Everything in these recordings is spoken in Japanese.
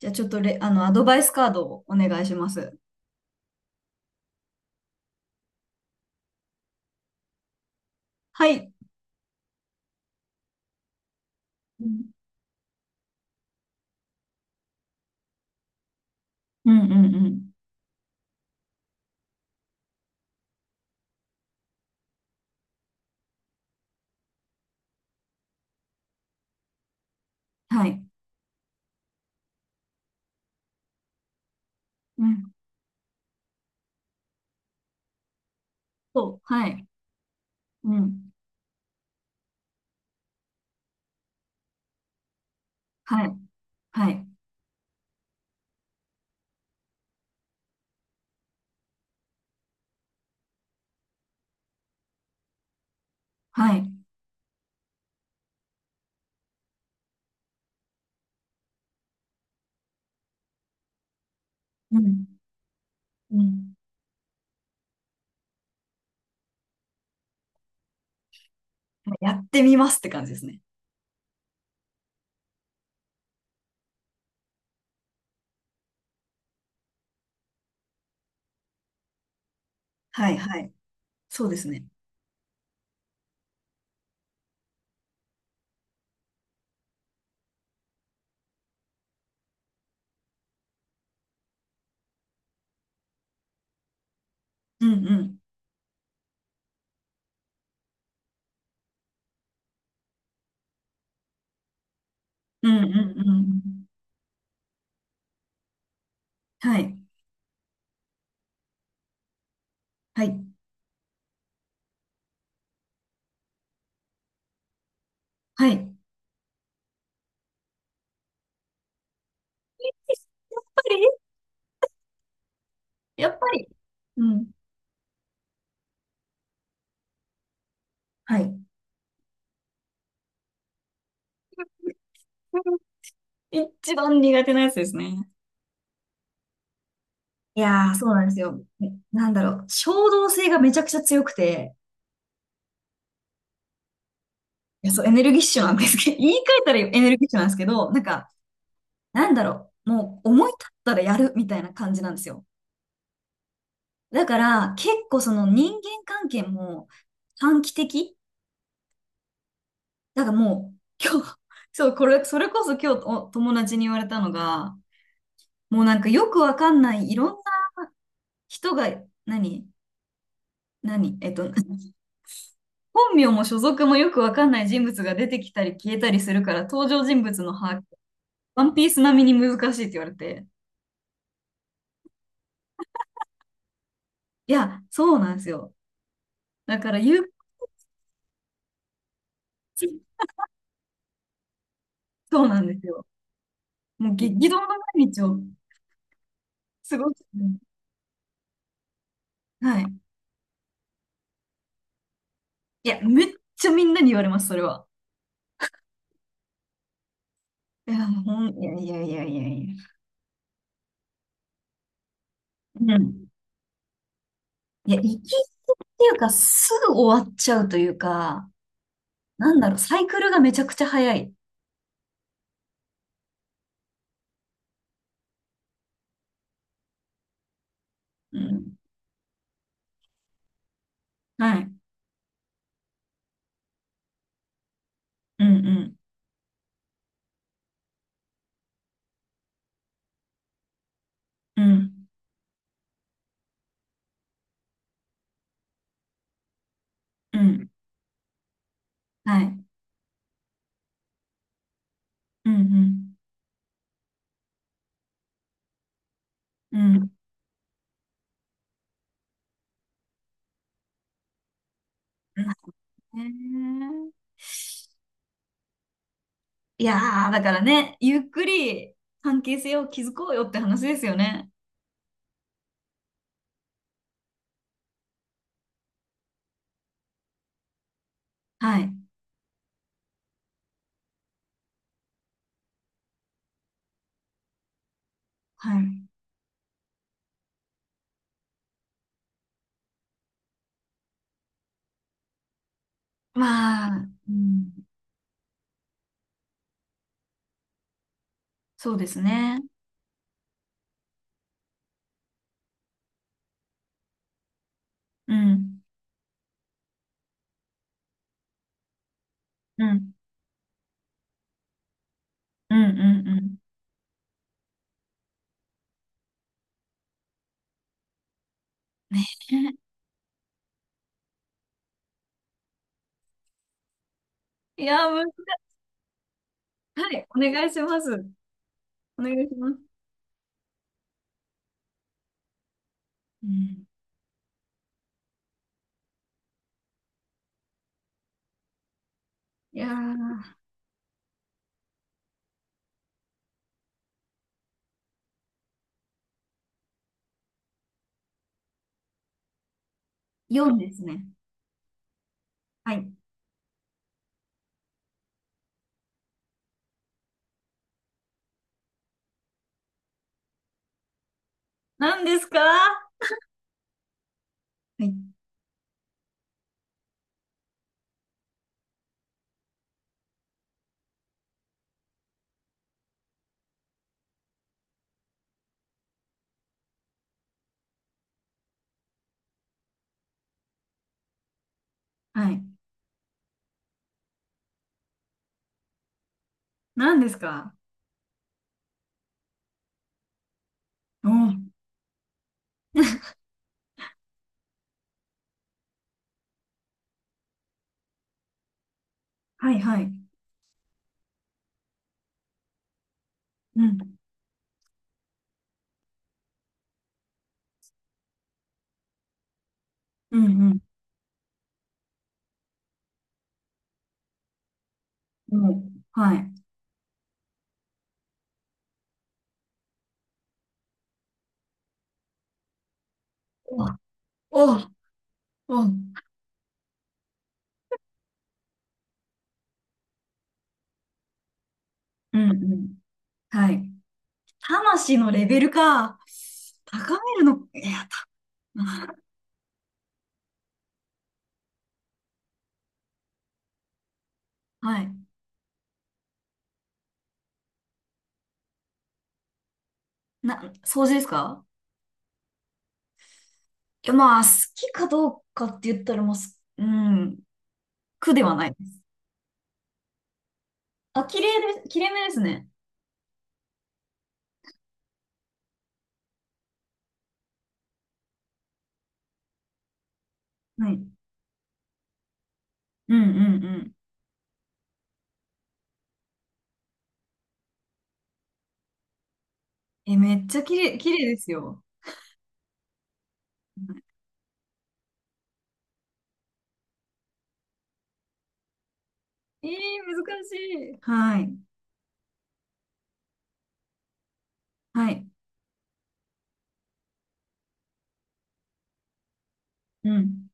じゃあちょっとレ、アドバイスカードをお願いします。はい。うん、うん、うんうん。はい。うん。そう。はい。うん。はい。はい。はい。うん。うん。やってみますって感じですね。はい、はい。そうですね。うん、うん。うん、うん、うん。うん。はい。はい。はい。やっぱり、やっぱり。うん。はい。一番苦手なやつですね。いやー、そうなんですよ。なんだろう。衝動性がめちゃくちゃ強くて、いや、そう、エネルギッシュなんですけど、言い換えたらエネルギッシュなんですけど、なんか、なんだろう、もう思い立ったらやるみたいな感じなんですよ。だから、結構その人間関係も短期的だからもう、今日、そう、これ、それこそ今日お友達に言われたのが、もうなんかよくわかんないいろんな人が、何何えっと、本名も所属もよくわかんない人物が出てきたり消えたりするから、登場人物の把握、ワンピース並みに難しいって言われて。いや、そうなんですよ。だから、ゆう、そうなんですよ。もう激動の毎日を過ごして。はい。いや、めっちゃみんなに言われます、それは。いや、ほん、いやいやいやいやいや。うん。いや、息切れっていうか、すぐ終わっちゃうというか、なんだろう、サイクルがめちゃくちゃ早い。うん。はい。うんうん。うん。うん。はい。うんうん。うん。うんね。えいやー、だからね、ゆっくり関係性を築こうよって話ですよね。はい。はい。まあ、うん、そうですね。うん。うん。うん。うん。うん。いやー、難しい。はい。お願いします。お願いします。うん。いやー、4ですね。はい。何ですか？はい。はい。何ですか？おー。はい、はい。うん。うん、うん。もう、はい。お、お、お、うん、うん。はい。魂のレベルか。高めるの、いや、た、はい。な、掃除ですか？いや、まあ、好きかどうかって言ったら、もうすうん、苦ではないです。あ、綺麗で、綺麗めですね。はい。うんうんうん。え、めっちゃ綺麗、綺麗ですよ。はい。えー、難しい。はい。はい。うん。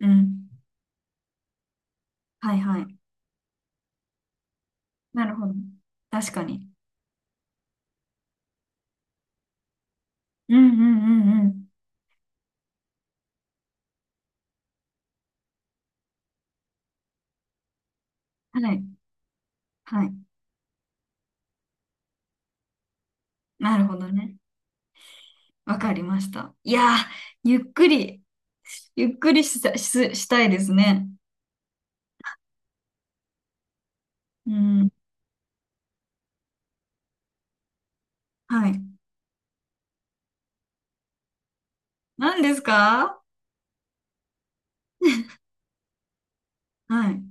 うん。はいはい。なるほど。確かに。うんうんうんうん。はい。はい。なるほどね。わかりました。いやー、ゆっくり、ゆっくりした、し、したいですね。うん。はい。何ですか？はい。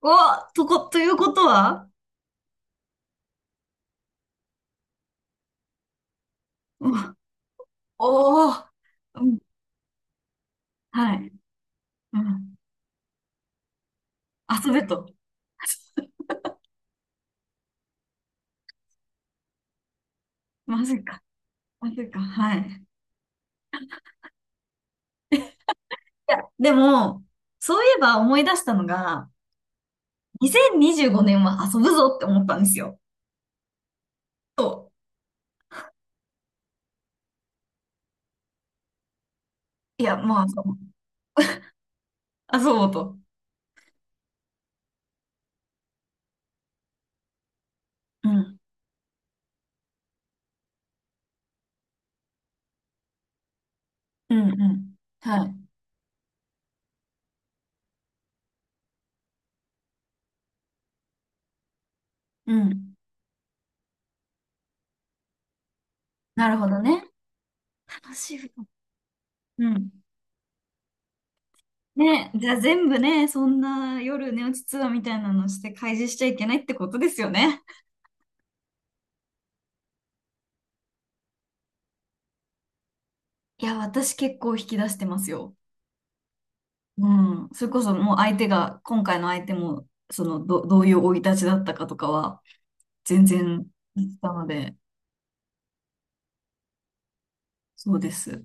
お、とこ、ということは？おおー、うん、はい。うん、遊べと。まずいか。まずいか。はい。いや、でも、そういえば思い出したのが、2025年は遊ぶぞって思ったんですよ。と。いや、もう遊ぼう。遊ぼうと。うん。うんうん。はい。うん。なるほどね。楽しい。うん。ね、じゃあ全部ね、そんな夜寝落ちツアーみたいなのして開示しちゃいけないってことですよね。いや、私結構引き出してますよ。うん。それこそもう相手が、今回の相手も、そのど、どういう生い立ちだったかとかは、全然言ってたので、そうです。